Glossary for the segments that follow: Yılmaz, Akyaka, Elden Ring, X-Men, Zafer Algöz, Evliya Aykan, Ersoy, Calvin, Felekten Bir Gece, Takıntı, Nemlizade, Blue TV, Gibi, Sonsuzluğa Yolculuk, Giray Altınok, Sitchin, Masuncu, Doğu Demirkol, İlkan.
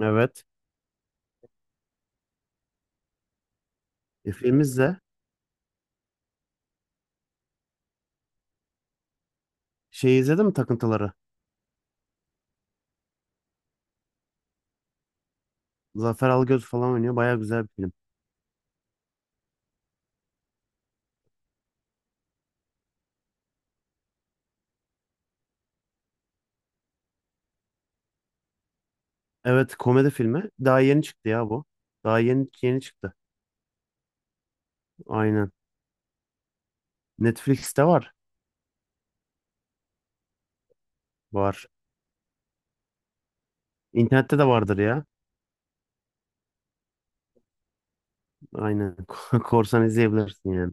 Evet. E, film izle. Şey izledin mi Takıntıları? Zafer Algöz falan oynuyor. Baya güzel bir film. Evet komedi filmi. Daha yeni çıktı ya bu. Daha yeni yeni çıktı. Aynen. Netflix'te var. Var. İnternette de vardır ya. Aynen. Korsan izleyebilirsin yani.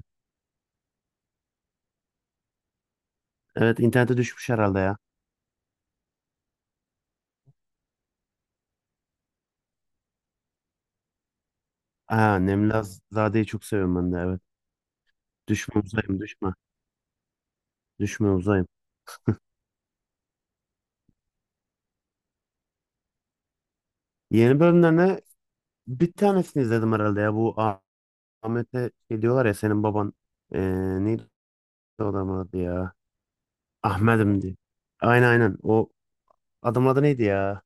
Evet internete düşmüş herhalde ya. Ha, Nemlizade'yi çok seviyorum ben de evet. Düşme uzayım düşme. Düşme uzayım. Yeni bölümlerine bir tanesini izledim herhalde ya. Bu Ahmet'e şey diyorlar ya senin baban. Ee, Neydi o adamın adı ya? Ahmet'im diye. Aynen aynen. O adamın adı neydi ya?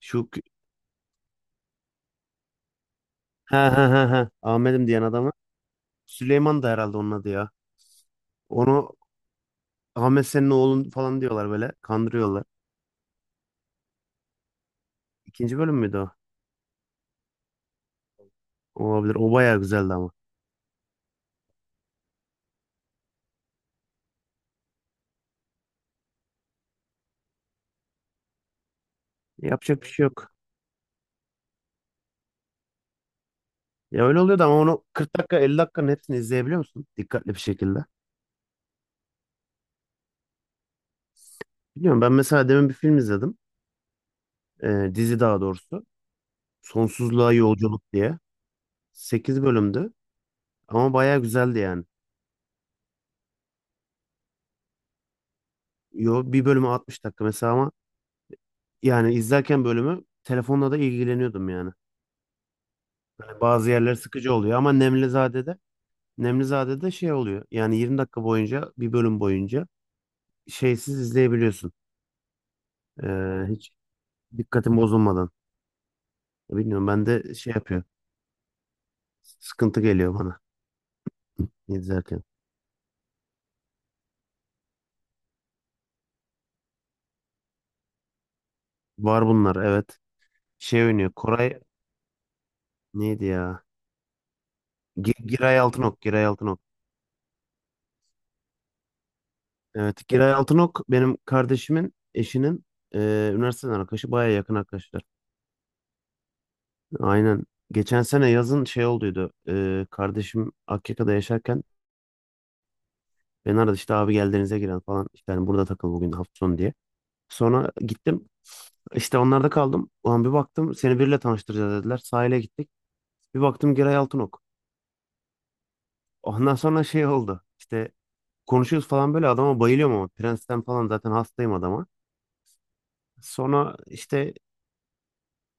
Şu ha ha ha ha. Ahmet'im diyen adamı. Süleyman da herhalde onun adı ya. Onu Ahmet senin oğlun falan diyorlar böyle. Kandırıyorlar. İkinci bölüm müydü o? Olabilir. O bayağı güzeldi ama. Yapacak bir şey yok. Ya öyle oluyordu ama onu 40 dakika 50 dakikanın hepsini izleyebiliyor musun? Dikkatli bir şekilde. Biliyorum ben mesela demin bir film izledim. Dizi daha doğrusu. Sonsuzluğa Yolculuk diye. 8 bölümdü. Ama bayağı güzeldi yani. Yo, bir bölümü 60 dakika mesela ama yani izlerken bölümü telefonla da ilgileniyordum yani. Hani bazı yerler sıkıcı oluyor ama Nemlizade'de şey oluyor. Yani 20 dakika boyunca bir bölüm boyunca şeysiz izleyebiliyorsun. Hiç dikkatin bozulmadan. Bilmiyorum ben de şey yapıyor. Sıkıntı geliyor bana izlerken. Var bunlar evet. Şey oynuyor. Koray neydi ya? Giray Altınok. Giray Altınok. Evet, Giray Altınok benim kardeşimin eşinin e, üniversiteden arkadaşı, baya yakın arkadaşlar. Aynen. Geçen sene yazın şey olduydu. Kardeşim Akyaka'da yaşarken beni aradı işte abi gel denize girelim falan. İşte hani burada takıl bugün hafta sonu diye. Sonra gittim. İşte onlarda kaldım. Ulan bir baktım seni biriyle tanıştıracağız dediler. Sahile gittik. Bir baktım Giray Altınok. Ondan sonra şey oldu. İşte konuşuyoruz falan böyle adama bayılıyorum ama Prens'ten falan zaten hastayım adama. Sonra işte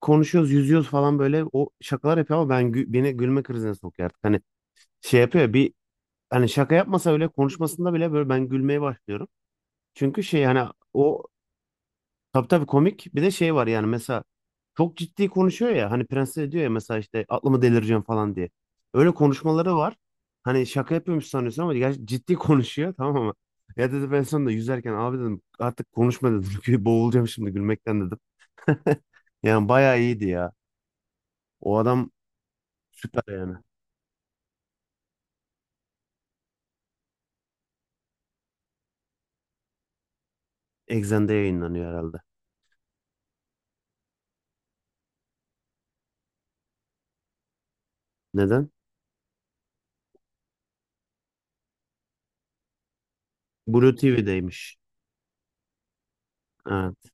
konuşuyoruz, yüzüyoruz falan böyle o şakalar yapıyor ama ben beni gülme krizine sokuyor artık. Hani şey yapıyor ya, bir hani şaka yapmasa öyle konuşmasında bile böyle ben gülmeye başlıyorum. Çünkü şey hani o tabii tabii komik bir de şey var yani mesela çok ciddi konuşuyor ya hani prenses diyor ya mesela işte aklımı delireceğim falan diye. Öyle konuşmaları var. Hani şaka yapıyormuş sanıyorsun ama gerçi ciddi konuşuyor tamam mı? Ya dedi ben sonunda yüzerken abi dedim artık konuşma dedim. Çünkü boğulacağım şimdi gülmekten dedim. Yani bayağı iyiydi ya. O adam süper yani. Exxen'de yayınlanıyor herhalde. Neden? Blue TV'deymiş. Evet.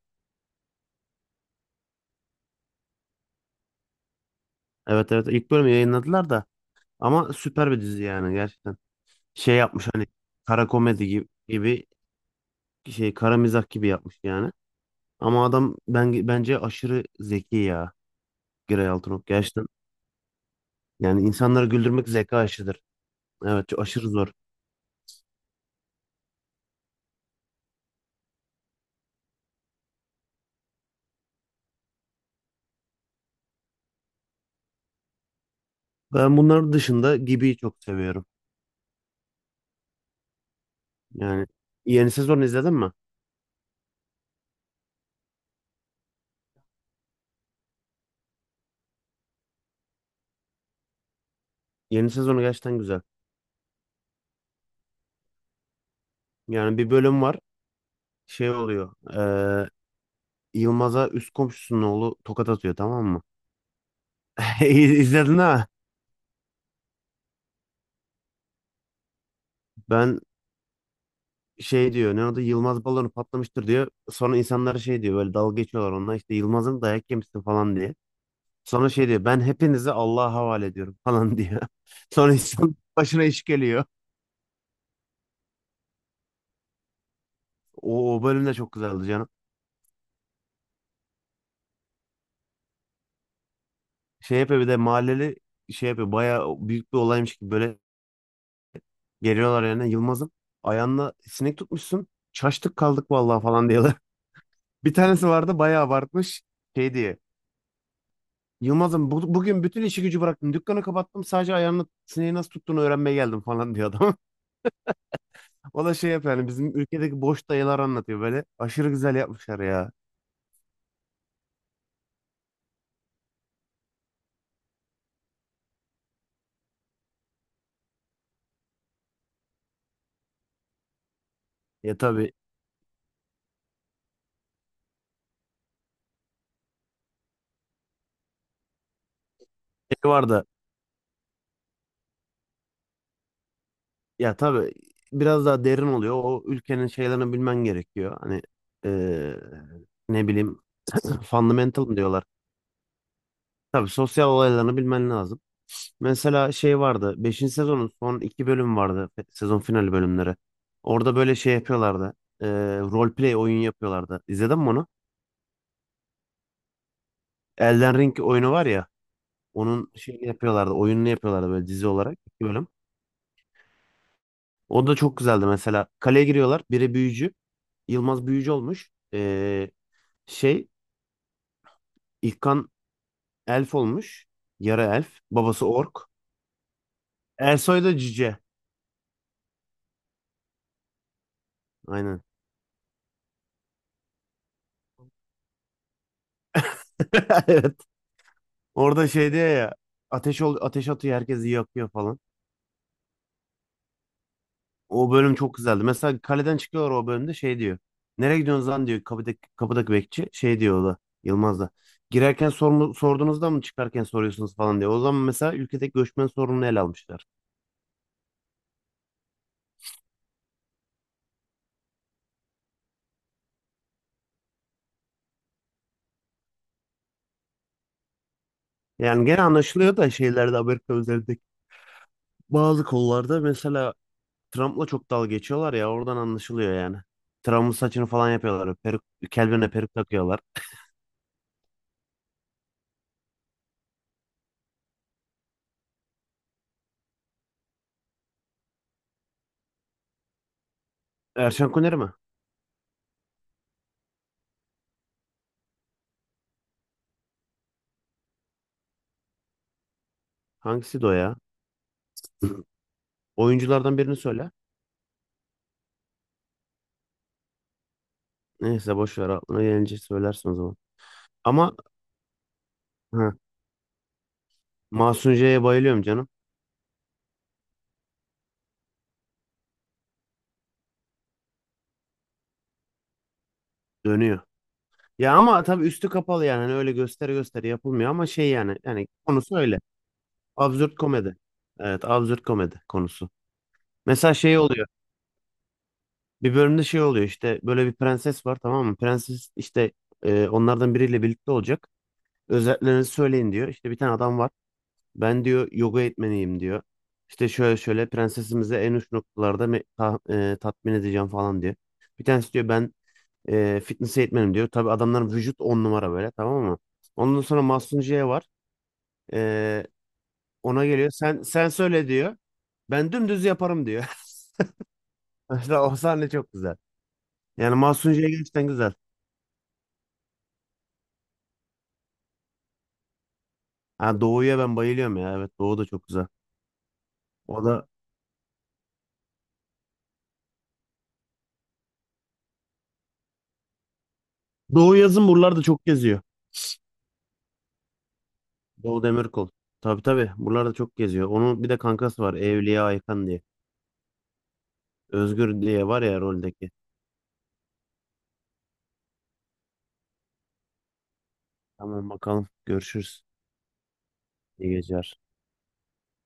Evet evet ilk bölümü yayınladılar da ama süper bir dizi yani gerçekten. Şey yapmış hani kara komedi gibi, gibi şey kara mizah gibi yapmış yani. Ama adam ben bence aşırı zeki ya Giray Altınok gerçekten. Yani insanları güldürmek zeka işidir. Evet çok aşırı zor. Ben bunların dışında Gibi'yi çok seviyorum. Yani yeni sezonu izledin mi? Yeni sezonu gerçekten güzel. Yani bir bölüm var şey oluyor. Yılmaz'a üst komşusunun oğlu tokat atıyor tamam mı? İzledin ha? Ben şey diyor ne oldu Yılmaz balonu patlamıştır diyor. Sonra insanlara şey diyor böyle dalga geçiyorlar onunla işte Yılmaz'ın dayak yemişsin falan diye. Sonra şey diyor ben hepinizi Allah'a havale ediyorum falan diyor. Sonra insan başına iş geliyor. O bölüm de çok güzeldi canım. Şey yapıyor bir de mahalleli şey yapıyor bayağı büyük bir olaymış gibi böyle geliyorlar yani Yılmaz'ın ayağına sinek tutmuşsun. Çaştık kaldık vallahi falan diyorlar. Bir tanesi vardı bayağı abartmış. Şey diye. Yılmaz'ım bugün bütün işi gücü bıraktım. Dükkanı kapattım. Sadece ayağını sineği nasıl tuttuğunu öğrenmeye geldim falan diyor adam. O da şey yapıyor yani bizim ülkedeki boş dayılar anlatıyor böyle. Aşırı güzel yapmışlar ya. Ya tabii şey var da ya tabii biraz daha derin oluyor. O ülkenin şeylerini bilmen gerekiyor. Hani eee, ne bileyim fundamental mı diyorlar. Tabii sosyal olaylarını bilmen lazım. Mesela şey vardı. Beşinci sezonun son iki bölüm vardı. Sezon finali bölümleri. Orada böyle şey yapıyorlardı. E, Roleplay oyun yapıyorlardı. İzledin mi onu? Elden Ring oyunu var ya. Onun şeyini yapıyorlardı. Oyununu yapıyorlardı böyle dizi olarak. İki bölüm. O da çok güzeldi mesela. Kaleye giriyorlar. Biri büyücü. Yılmaz büyücü olmuş. Şey İlkan elf olmuş. Yara elf. Babası ork. Ersoy da cüce. Aynen. Evet. Orada şey diyor ya. Ateş ol, ateş atıyor herkesi yakıyor falan. O bölüm çok güzeldi. Mesela kaleden çıkıyorlar o bölümde şey diyor. Nereye gidiyorsunuz lan diyor kapıdaki bekçi. Şey diyor o da Yılmaz da. Girerken sorduğunuzda mı çıkarken soruyorsunuz falan diyor. O zaman mesela ülkedeki göçmen sorununu ele almışlar. Yani gene anlaşılıyor da şeylerde Amerika üzerindeki bazı konularda mesela Trump'la çok dalga geçiyorlar ya oradan anlaşılıyor yani. Trump'ın saçını falan yapıyorlar. Peruk, Calvin'e peruk takıyorlar. Erşan Kuneri mi? Hangisiydi o ya? Oyunculardan birini söyle. Neyse boş ver aklına gelince söylersin o zaman. Ama hı. Masuncu'ya bayılıyorum canım. Dönüyor. Ya ama tabii üstü kapalı yani. Hani öyle gösteri gösteri yapılmıyor ama şey yani. Yani konusu öyle. Absürt komedi. Evet absürt komedi konusu. Mesela şey oluyor. Bir bölümde şey oluyor işte böyle bir prenses var tamam mı? Prenses işte onlardan biriyle birlikte olacak. Özelliklerinizi söyleyin diyor. İşte bir tane adam var. Ben diyor yoga eğitmeniyim diyor. İşte şöyle şöyle prensesimizi en uç noktalarda tatmin edeceğim falan diyor. Bir tanesi diyor ben fitness eğitmenim diyor. Tabii adamların vücut on numara böyle tamam mı? Ondan sonra Mahsunciye var. E, Ona geliyor. Sen söyle diyor. Ben dümdüz yaparım diyor. Mesela o sahne çok güzel. Yani Mahsunciye gerçekten güzel. Ha, Doğu'ya ben bayılıyorum ya. Evet Doğu da çok güzel. O da Doğu yazın buralarda çok geziyor. Doğu Demirkol. Tabii tabii. Buralarda çok geziyor. Onun bir de kankası var. Evliya Aykan diye. Özgür diye var ya roldeki. Tamam bakalım. Görüşürüz. İyi geceler.